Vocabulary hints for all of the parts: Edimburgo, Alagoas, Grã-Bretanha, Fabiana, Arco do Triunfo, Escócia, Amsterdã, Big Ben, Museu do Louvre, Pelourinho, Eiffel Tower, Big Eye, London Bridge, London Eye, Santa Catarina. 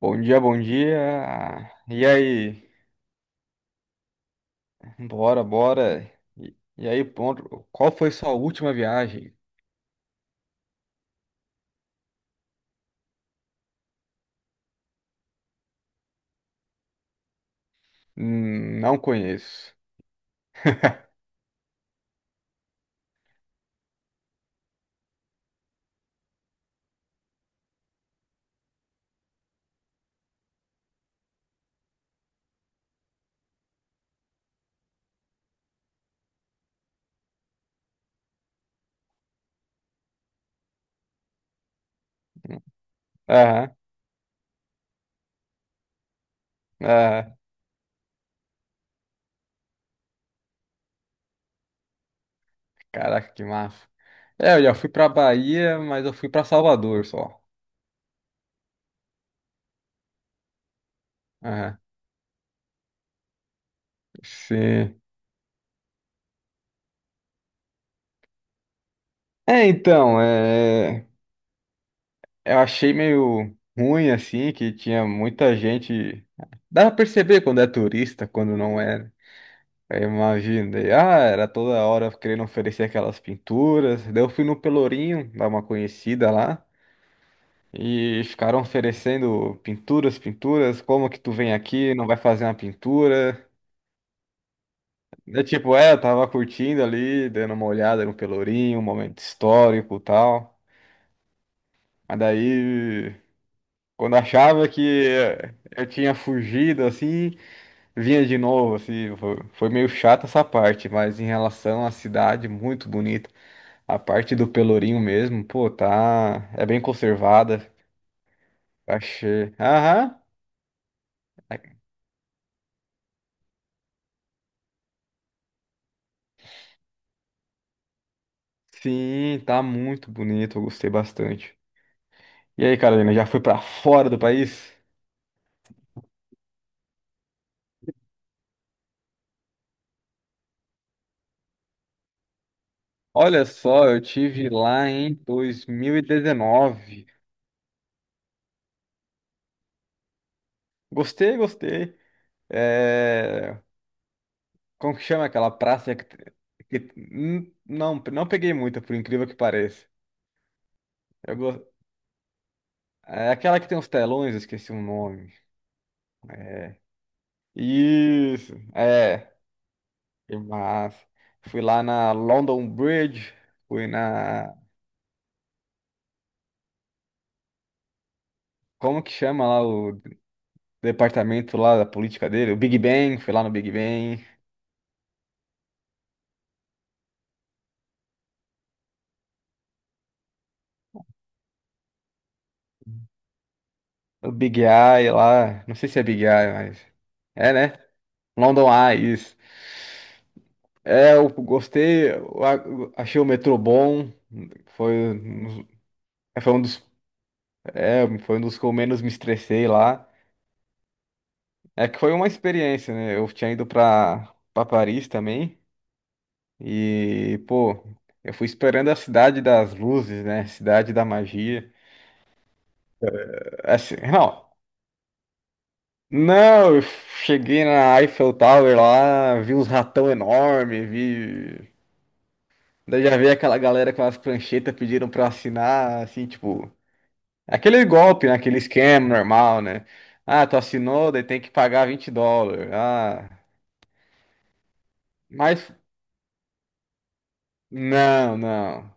Bom dia, bom dia. E aí? Bora, bora. E aí, ponto. Qual foi sua última viagem? Não conheço. Aham, aham. Caraca, que massa. É, eu já fui pra Bahia, mas eu fui pra Salvador só. Aham. Sim. É, então, eu achei meio ruim, assim, que tinha muita gente. Dá pra perceber quando é turista, quando não é, né? Eu imaginei. Ah, era toda hora querendo oferecer aquelas pinturas. Daí eu fui no Pelourinho, dar uma conhecida lá. E ficaram oferecendo pinturas, pinturas. Como que tu vem aqui, não vai fazer uma pintura? É tipo, eu tava curtindo ali, dando uma olhada no Pelourinho, um momento histórico e tal. Mas daí, quando achava que eu tinha fugido, assim, vinha de novo, assim. Foi meio chata essa parte, mas em relação à cidade, muito bonita. A parte do Pelourinho mesmo, pô, tá. É bem conservada. Achei. Aham. É, sim, tá muito bonito. Eu gostei bastante. E aí, Carolina, já foi pra fora do país? Olha só, eu tive lá em 2019. Gostei, gostei. É... Como que chama aquela praça? Não, não peguei muita, por incrível que pareça. Eu go- É aquela que tem os telões, eu esqueci o nome. Isso, é. Que massa. Fui lá na London Bridge, fui na. Como que chama lá o departamento lá da política dele? O Big Ben, fui lá no Big Ben. O Big Eye lá. Não sei se é Big Eye, mas. É, né? London Eye, isso. É, eu gostei, eu achei o metrô bom. Foi, um- foi um dos, foi um dos que eu menos me estressei lá. É que foi uma experiência, né? Eu tinha ido pra, Paris também. E, pô, eu fui esperando a cidade das luzes, né? Cidade da magia. Assim, não, não, eu cheguei na Eiffel Tower lá, vi uns ratão enorme, vi. Daí já vi aquela galera com as pranchetas pediram pra assinar, assim, tipo, aquele golpe, né? Aquele esquema normal, né? Ah, tu assinou, daí tem que pagar US$ 20. Ah, mas, não, não.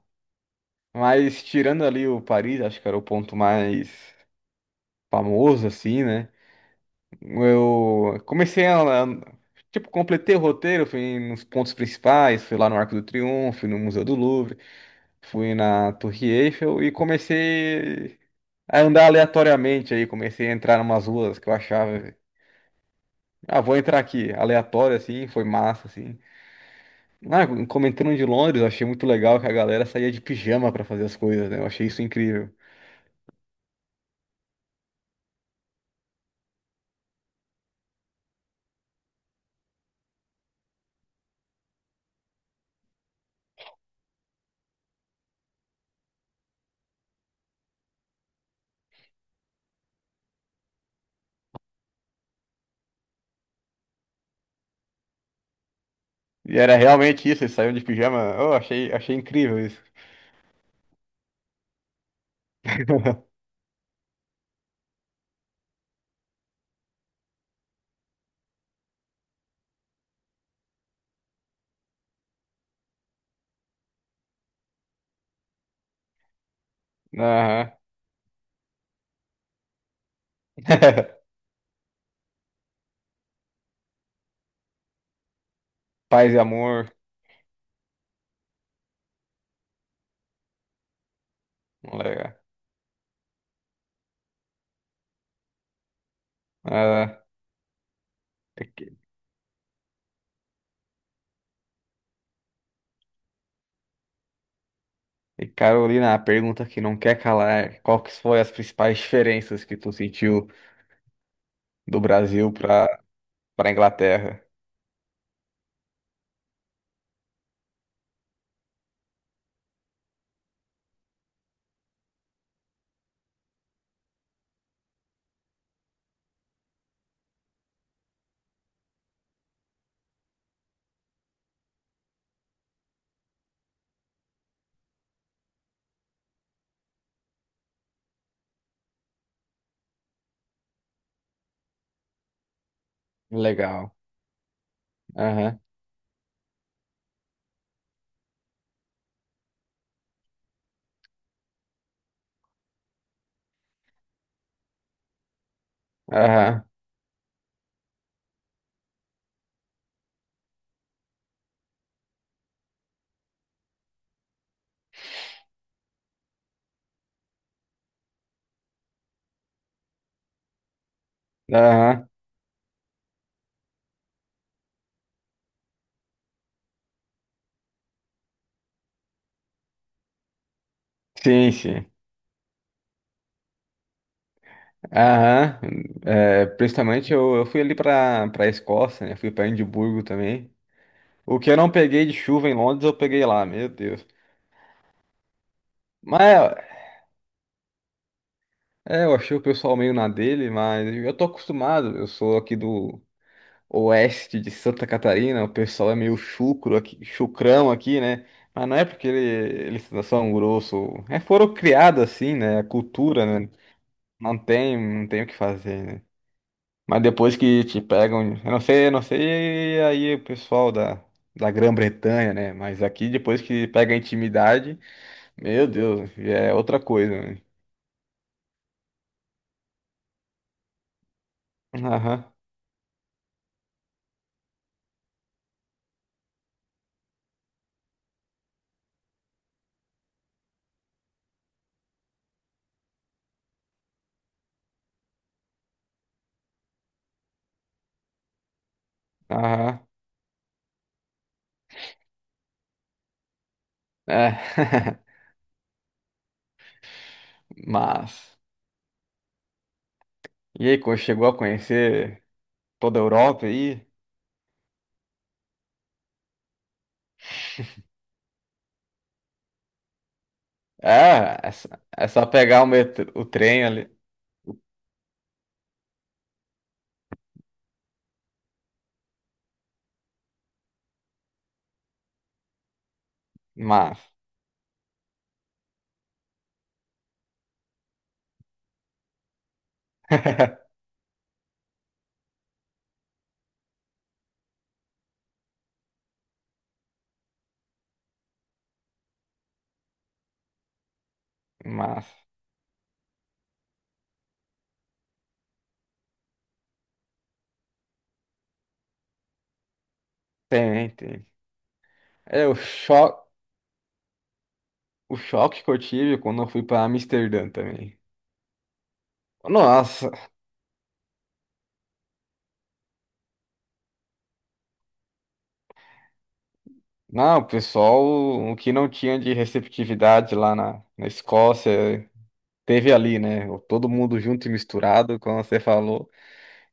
Mas tirando ali o Paris, acho que era o ponto mais famoso, assim, né? Eu comecei tipo, completei o roteiro, fui nos pontos principais, fui lá no Arco do Triunfo, no Museu do Louvre, fui na Torre Eiffel e comecei a andar aleatoriamente aí, comecei a entrar em umas ruas que eu achava, ah, vou entrar aqui, aleatório assim, foi massa assim. Ah, comentando de Londres, eu achei muito legal que a galera saía de pijama pra fazer as coisas, né? Eu achei isso incrível. E era realmente isso, eles saíam de pijama. Eu achei, achei incrível isso. Aham. Paz e amor, colega. Ah, e que- e Carolina, a pergunta que não quer calar, é qual que foi as principais diferenças que tu sentiu do Brasil para Inglaterra? Legal. Aham. Aham. Aham. Sim, sim. Aham. É, principalmente eu fui ali para Escócia, né? Fui para Edimburgo também. O que eu não peguei de chuva em Londres, eu peguei lá, meu Deus. Mas eu achei o pessoal meio na dele, mas eu tô acostumado, eu sou aqui do oeste de Santa Catarina, o pessoal é meio chucro aqui, chucrão aqui, né? Mas não é porque eles são grosso, é, foram criados assim, né? A cultura, né? Não tem, não tem o que fazer, né? Mas depois que te pegam, eu não sei aí o pessoal da, Grã-Bretanha, né? Mas aqui depois que pega a intimidade, meu Deus, é outra coisa, né? Aham, aham, é. Mas, e aí, chegou a conhecer toda a Europa aí? É, só é só pegar o metrô, o trem ali. Mas, mas, tem, tem. É, o choque que eu tive quando eu fui pra Amsterdã também. Nossa, não, o pessoal, o que não tinha de receptividade lá na Escócia, teve ali, né? Todo mundo junto e misturado, como você falou.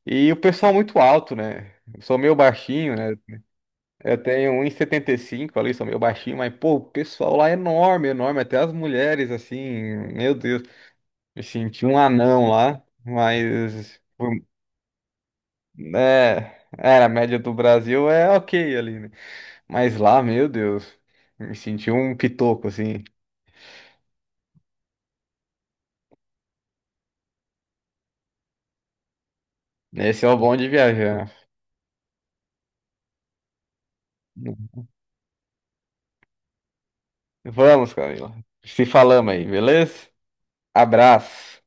E o pessoal muito alto, né? Eu sou meio baixinho, né? Eu tenho um 1,75 ali, sou meio baixinho, mas, pô, o pessoal lá é enorme, enorme. Até as mulheres, assim, meu Deus, me senti um anão lá. É, era a média do Brasil é ok ali, né? Mas lá, meu Deus, me senti um pitoco, assim. Esse é o bom de viajar. Vamos, Camila. Se falamos aí, beleza? Abraço.